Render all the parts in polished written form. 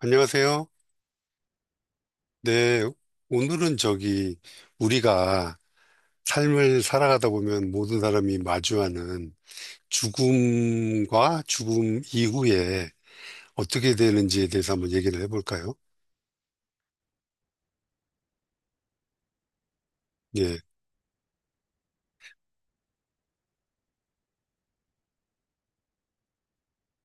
안녕하세요. 네, 오늘은 저기 우리가 삶을 살아가다 보면 모든 사람이 마주하는 죽음과 죽음 이후에 어떻게 되는지에 대해서 한번 얘기를 해볼까요? 예,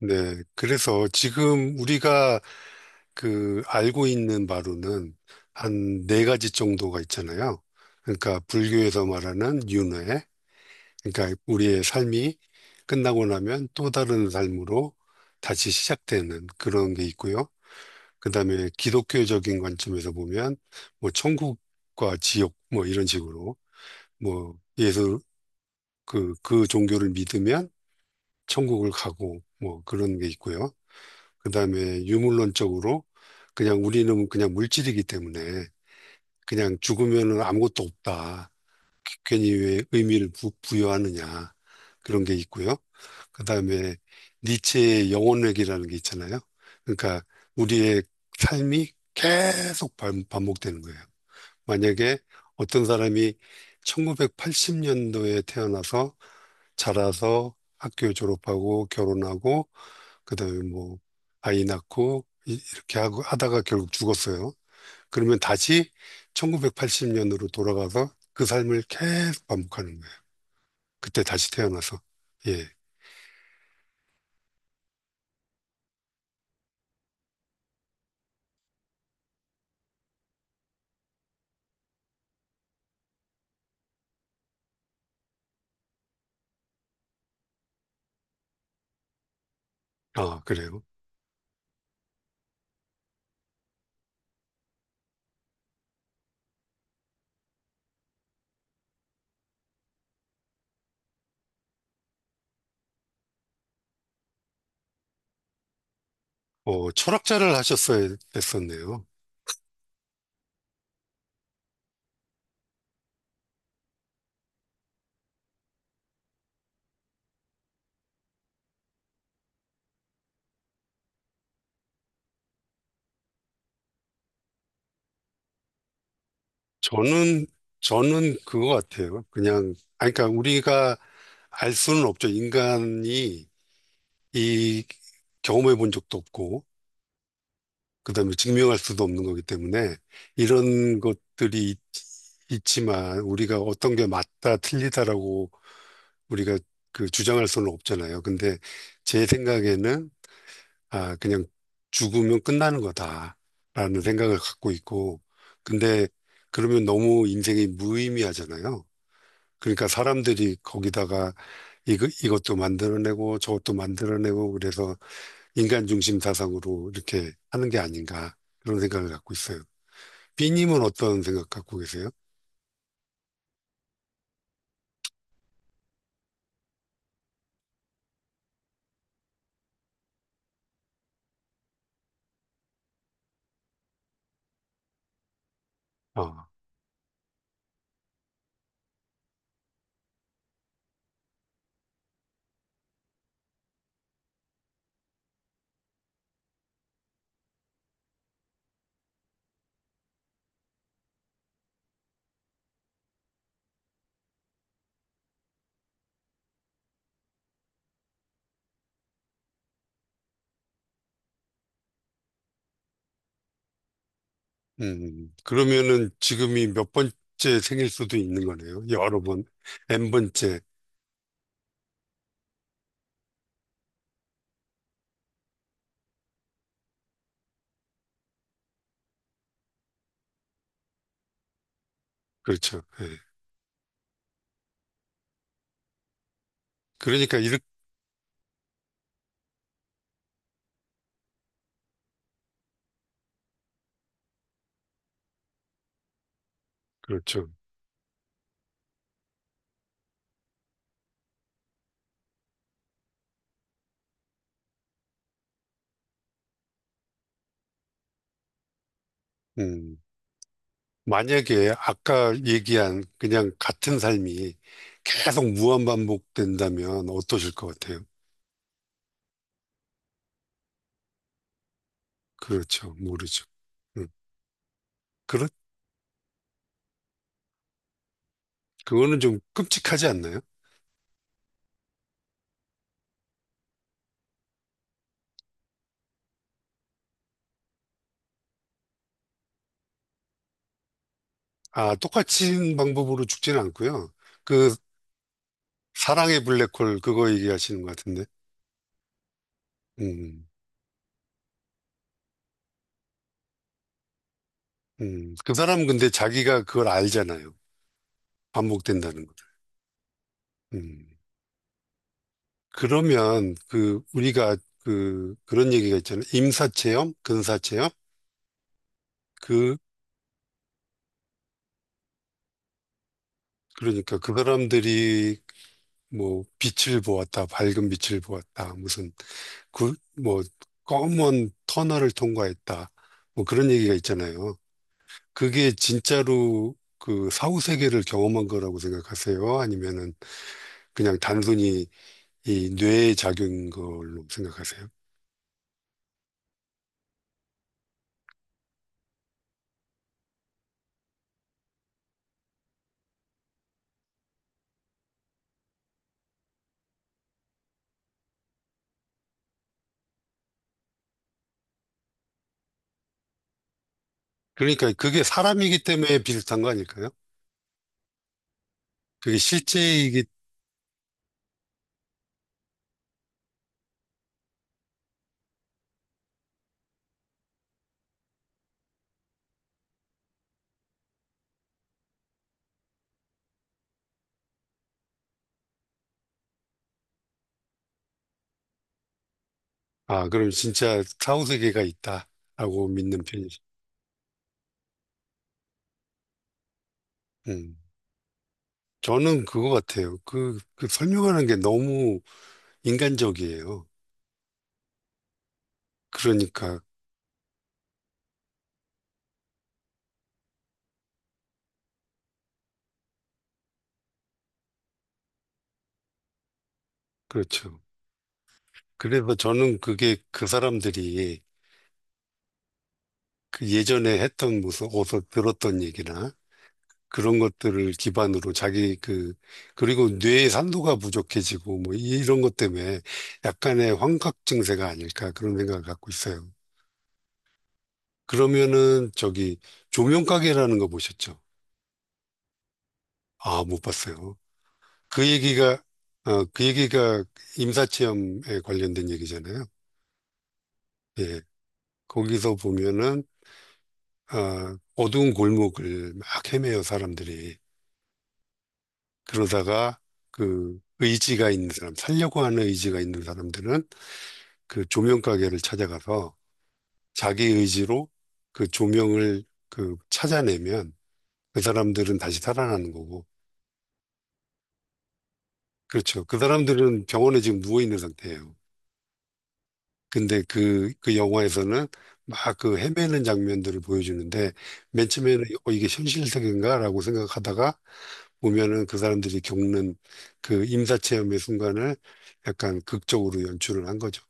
네. 그래서 지금 우리가 그 알고 있는 바로는 한 네 가지 정도가 있잖아요. 그러니까 불교에서 말하는 윤회, 그러니까 우리의 삶이 끝나고 나면 또 다른 삶으로 다시 시작되는 그런 게 있고요. 그다음에 기독교적인 관점에서 보면 뭐 천국과 지옥 뭐 이런 식으로 뭐 예수 그 종교를 믿으면 천국을 가고 뭐 그런 게 있고요. 그다음에 유물론적으로 그냥 우리는 그냥 물질이기 때문에 그냥 죽으면은 아무것도 없다. 괜히 왜 의미를 부여하느냐 그런 게 있고요. 그다음에 니체의 영혼회귀라는 게 있잖아요. 그러니까 우리의 삶이 계속 반복되는 거예요. 만약에 어떤 사람이 1980년도에 태어나서 자라서 학교 졸업하고 결혼하고 그다음에 뭐 아이 낳고 이렇게 하고 하다가 결국 죽었어요. 그러면 다시 1980년으로 돌아가서 그 삶을 계속 반복하는 거예요. 그때 다시 태어나서. 예. 아, 그래요. 철학자를 하셨어야 됐었네요. 저는, 저는 그거 같아요. 그냥, 아니, 그러니까 우리가 알 수는 없죠. 인간이 이 경험해 본 적도 없고, 그 다음에 증명할 수도 없는 거기 때문에 이런 것들이 있지만 우리가 어떤 게 맞다, 틀리다라고 우리가 그 주장할 수는 없잖아요. 근데 제 생각에는 아, 그냥 죽으면 끝나는 거다라는 생각을 갖고 있고, 근데 그러면 너무 인생이 무의미하잖아요. 그러니까 사람들이 거기다가 이거, 이것도 만들어내고 저것도 만들어내고 그래서 인간 중심 사상으로 이렇게 하는 게 아닌가 그런 생각을 갖고 있어요. B님은 어떤 생각 갖고 계세요? 아, 그러면은 지금이 몇 번째 생일 수도 있는 거네요. 여러 번, N번째. 그렇죠. 예. 그러니까 이렇게, 그렇죠. 음. 만약에 아까 얘기한 그냥 같은 삶이 계속 무한반복된다면 어떠실 것 같아요? 그렇죠. 모르죠. 음, 그렇, 그거는 좀 끔찍하지 않나요? 아, 똑같은 방법으로 죽지는 않고요. 그 사랑의 블랙홀 그거 얘기하시는 것 같은데. 음, 그 사람은 근데 자기가 그걸 알잖아요. 반복된다는 거. 음. 그러면 그 우리가 그 그런 얘기가 있잖아요. 임사체험, 근사체험. 그 그러니까 그 사람들이 뭐 빛을 보았다, 밝은 빛을 보았다, 무슨 그, 뭐 검은 터널을 통과했다, 뭐 그런 얘기가 있잖아요. 그게 진짜로 그 사후 세계를 경험한 거라고 생각하세요? 아니면은 그냥 단순히 이 뇌의 작용인 걸로 생각하세요? 그러니까 그게 사람이기 때문에 비슷한 거 아닐까요? 그게 실제이기, 아, 그럼 진짜 사후 세계가 있다라고 믿는 편이죠. 음. 저는 그거 같아요. 그 설명하는 게 너무 인간적이에요. 그러니까, 그렇죠. 그래서 저는 그게 그 사람들이 그 예전에 했던 무슨 어서 들었던 얘기나 그런 것들을 기반으로 자기 그, 그리고 뇌의 산도가 부족해지고 뭐 이런 것 때문에 약간의 환각 증세가 아닐까 그런 생각을 갖고 있어요. 그러면은 저기 조명가게라는 거 보셨죠? 아, 못 봤어요. 그 얘기가, 그 얘기가 임사체험에 관련된 얘기잖아요. 예. 거기서 보면은, 어두운 골목을 막 헤매요, 사람들이. 그러다가 그 의지가 있는 사람, 살려고 하는 의지가 있는 사람들은 그 조명 가게를 찾아가서 자기 의지로 그 조명을 그 찾아내면 그 사람들은 다시 살아나는 거고. 그렇죠. 그 사람들은 병원에 지금 누워 있는 상태예요. 근데 그 영화에서는 막 그 헤매는 장면들을 보여주는데 맨 처음에는 이게 현실 세계인가 라고 생각하다가 보면은 그 사람들이 겪는 그 임사체험의 순간을 약간 극적으로 연출을 한 거죠.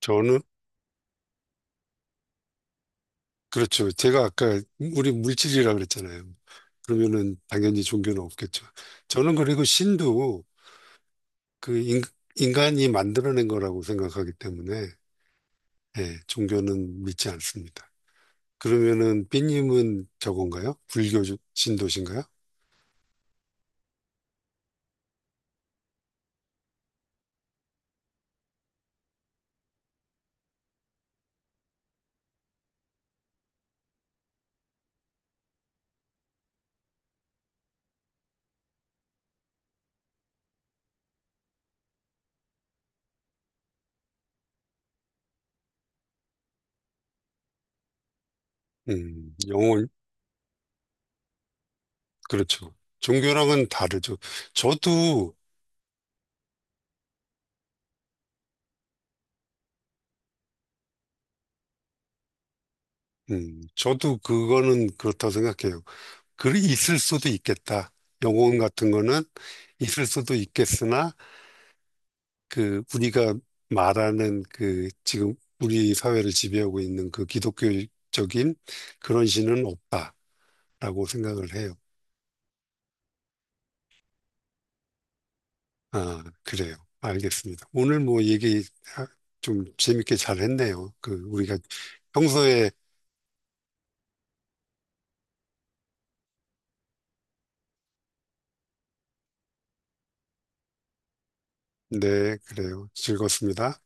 저는, 그렇죠. 제가 아까 우리 물질이라 그랬잖아요. 그러면은 당연히 종교는 없겠죠. 저는 그리고 신도 그 인, 간이 만들어낸 거라고 생각하기 때문에 예, 종교는 믿지 않습니다. 그러면은 삐님은 저건가요? 불교 신도신가요? 영혼, 그렇죠. 종교랑은 다르죠. 저도, 저도 그거는 그렇다고 생각해요. 글이 있을 수도 있겠다. 영혼 같은 거는 있을 수도 있겠으나, 그, 우리가 말하는 그, 지금 우리 사회를 지배하고 있는 그 기독교적인 그런 신은 없다라고 생각을 해요. 아, 그래요. 알겠습니다. 오늘 뭐 얘기 아, 좀 재밌게 잘 했네요. 그, 우리가 평소에, 네, 그래요. 즐겁습니다.